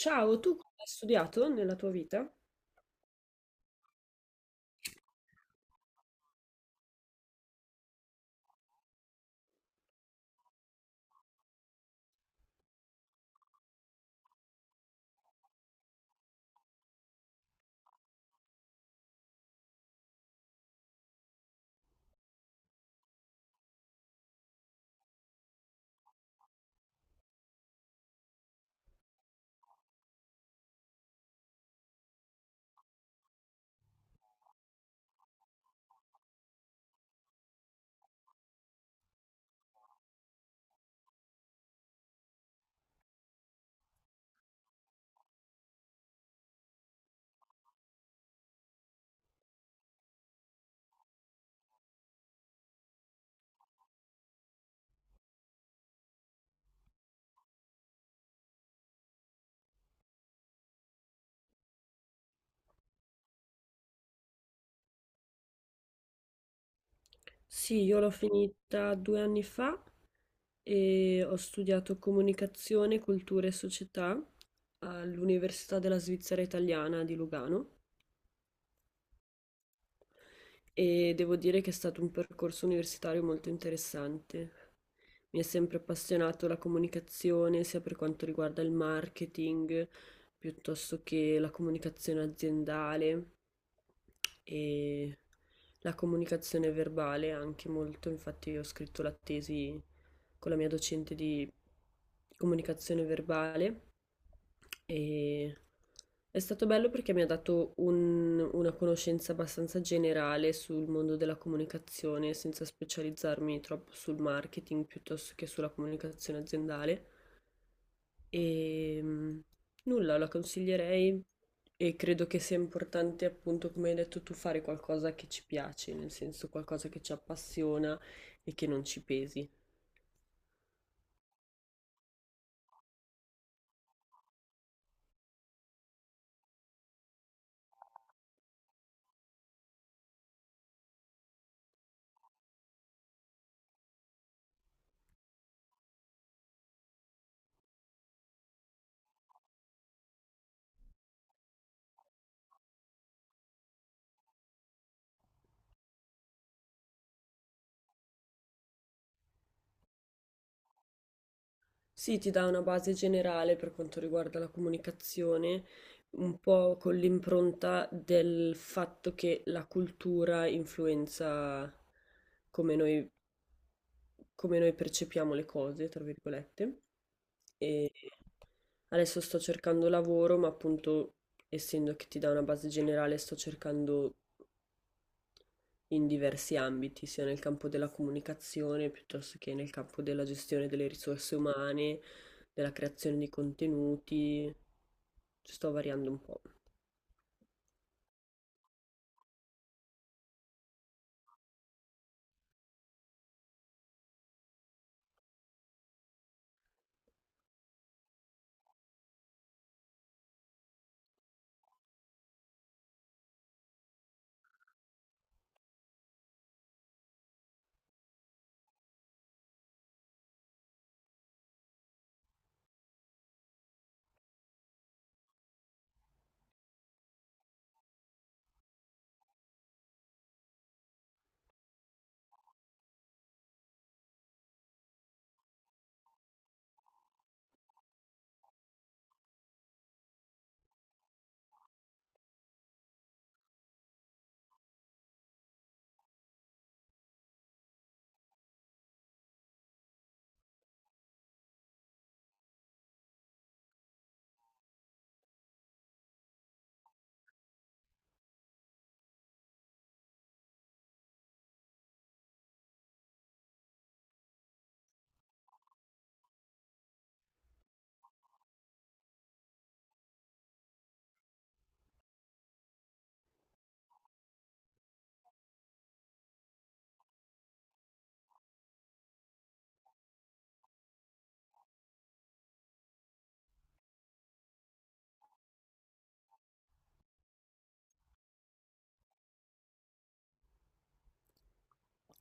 Ciao, tu cosa hai studiato nella tua vita? Sì, io l'ho finita 2 anni fa e ho studiato comunicazione, cultura e società all'Università della Svizzera Italiana di Lugano e devo dire che è stato un percorso universitario molto interessante. Mi è sempre appassionato la comunicazione, sia per quanto riguarda il marketing, piuttosto che la comunicazione aziendale. E la comunicazione verbale anche molto, infatti io ho scritto la tesi con la mia docente di comunicazione verbale e è stato bello perché mi ha dato una conoscenza abbastanza generale sul mondo della comunicazione senza specializzarmi troppo sul marketing piuttosto che sulla comunicazione aziendale. E nulla, la consiglierei e credo che sia importante, appunto, come hai detto tu, fare qualcosa che ci piace, nel senso qualcosa che ci appassiona e che non ci pesi. Sì, ti dà una base generale per quanto riguarda la comunicazione, un po' con l'impronta del fatto che la cultura influenza come noi come noi percepiamo le cose, tra virgolette. E adesso sto cercando lavoro, ma appunto, essendo che ti dà una base generale, sto cercando in diversi ambiti, sia nel campo della comunicazione, piuttosto che nel campo della gestione delle risorse umane, della creazione di contenuti. Ci sto variando un po'.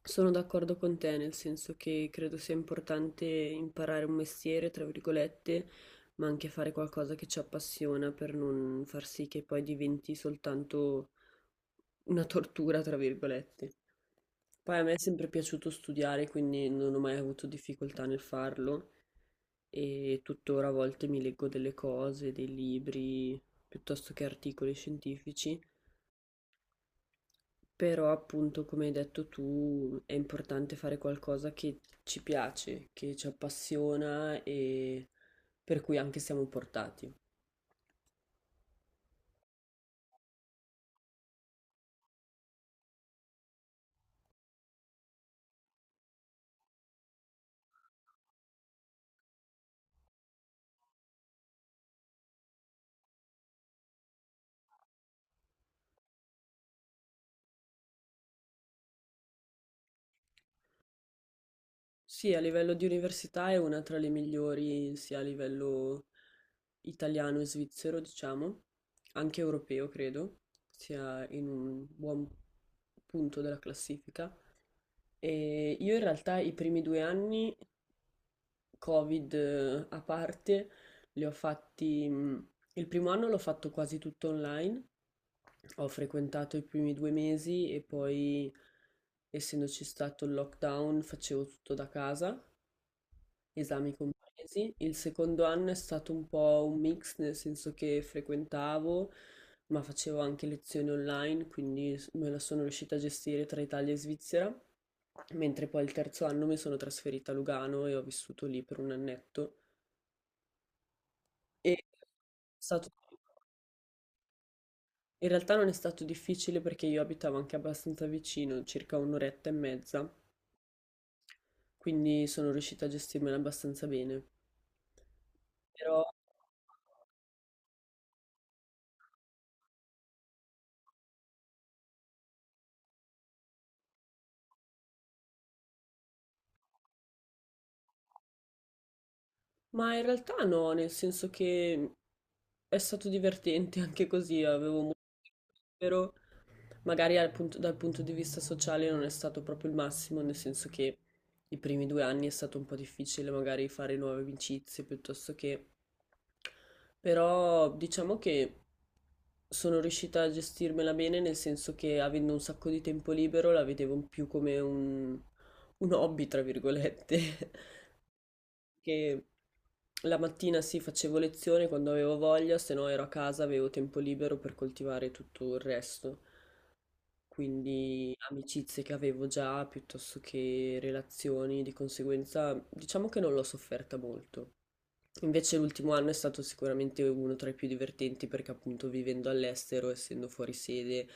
Sono d'accordo con te, nel senso che credo sia importante imparare un mestiere, tra virgolette, ma anche fare qualcosa che ci appassiona per non far sì che poi diventi soltanto una tortura, tra virgolette. Poi a me è sempre piaciuto studiare, quindi non ho mai avuto difficoltà nel farlo e tuttora a volte mi leggo delle cose, dei libri, piuttosto che articoli scientifici, però appunto, come hai detto tu, è importante fare qualcosa che ci piace, che ci appassiona e per cui anche siamo portati. Sì, a livello di università è una tra le migliori, sia a livello italiano e svizzero, diciamo, anche europeo, credo, sia in un buon punto della classifica. E io in realtà i primi 2 anni Covid a parte, li ho fatti, il primo anno l'ho fatto quasi tutto online, ho frequentato i primi 2 mesi e poi, essendoci stato il lockdown, facevo tutto da casa, esami compresi. Il secondo anno è stato un po' un mix, nel senso che frequentavo, ma facevo anche lezioni online, quindi me la sono riuscita a gestire tra Italia e Svizzera. Mentre poi il terzo anno mi sono trasferita a Lugano e ho vissuto lì per un annetto. E è stato- In realtà non è stato difficile perché io abitavo anche abbastanza vicino, circa un'oretta e mezza, quindi sono riuscita a gestirmela abbastanza bene. Però, ma in realtà no, nel senso che è stato divertente anche così, avevo molto libero. Magari dal punto di vista sociale non è stato proprio il massimo, nel senso che i primi 2 anni è stato un po' difficile magari fare nuove amicizie piuttosto che... Però diciamo che sono riuscita a gestirmela bene, nel senso che avendo un sacco di tempo libero la vedevo più come un hobby, tra virgolette, che la mattina sì facevo lezione quando avevo voglia, se no ero a casa, avevo tempo libero per coltivare tutto il resto. Quindi amicizie che avevo già piuttosto che relazioni, di conseguenza diciamo che non l'ho sofferta molto. Invece l'ultimo anno è stato sicuramente uno tra i più divertenti perché appunto vivendo all'estero, essendo fuori sede,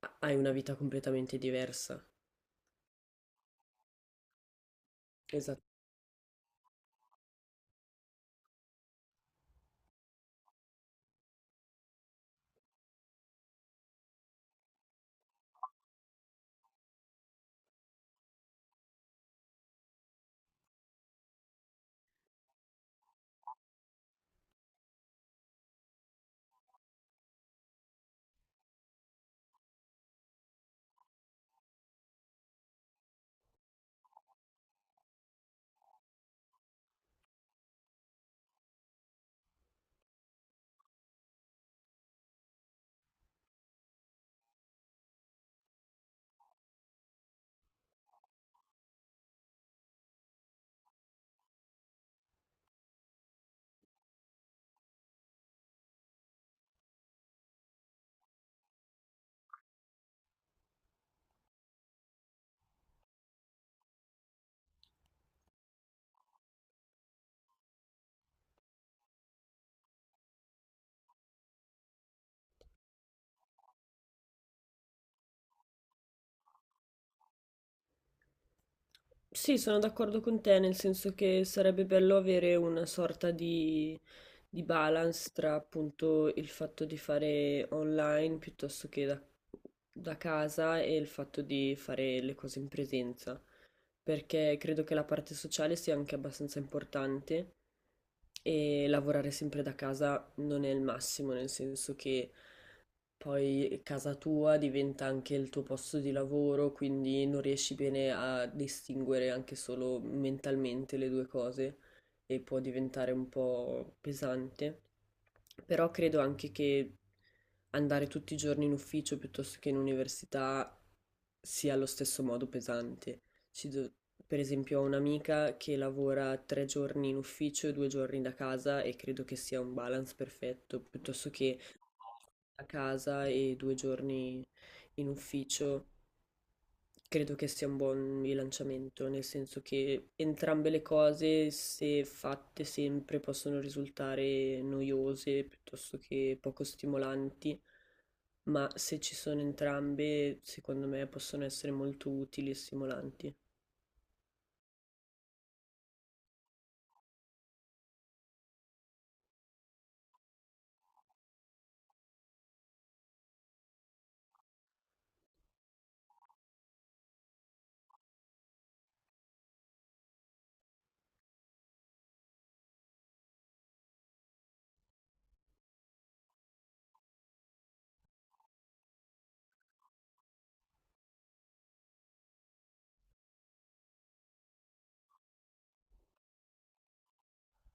hai una vita completamente diversa. Esatto. Sì, sono d'accordo con te, nel senso che sarebbe bello avere una sorta di balance tra appunto il fatto di fare online piuttosto che da casa e il fatto di fare le cose in presenza, perché credo che la parte sociale sia anche abbastanza importante. E lavorare sempre da casa non è il massimo, nel senso che poi casa tua diventa anche il tuo posto di lavoro, quindi non riesci bene a distinguere anche solo mentalmente le due cose e può diventare un po' pesante. Però credo anche che andare tutti i giorni in ufficio piuttosto che in università sia allo stesso modo pesante. Ci do- per esempio, ho un'amica che lavora 3 giorni in ufficio e 2 giorni da casa e credo che sia un balance perfetto, piuttosto che a casa e 2 giorni in ufficio. Credo che sia un buon bilanciamento, nel senso che entrambe le cose, se fatte sempre, possono risultare noiose piuttosto che poco stimolanti, ma se ci sono entrambe, secondo me possono essere molto utili e stimolanti.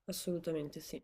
Assolutamente sì.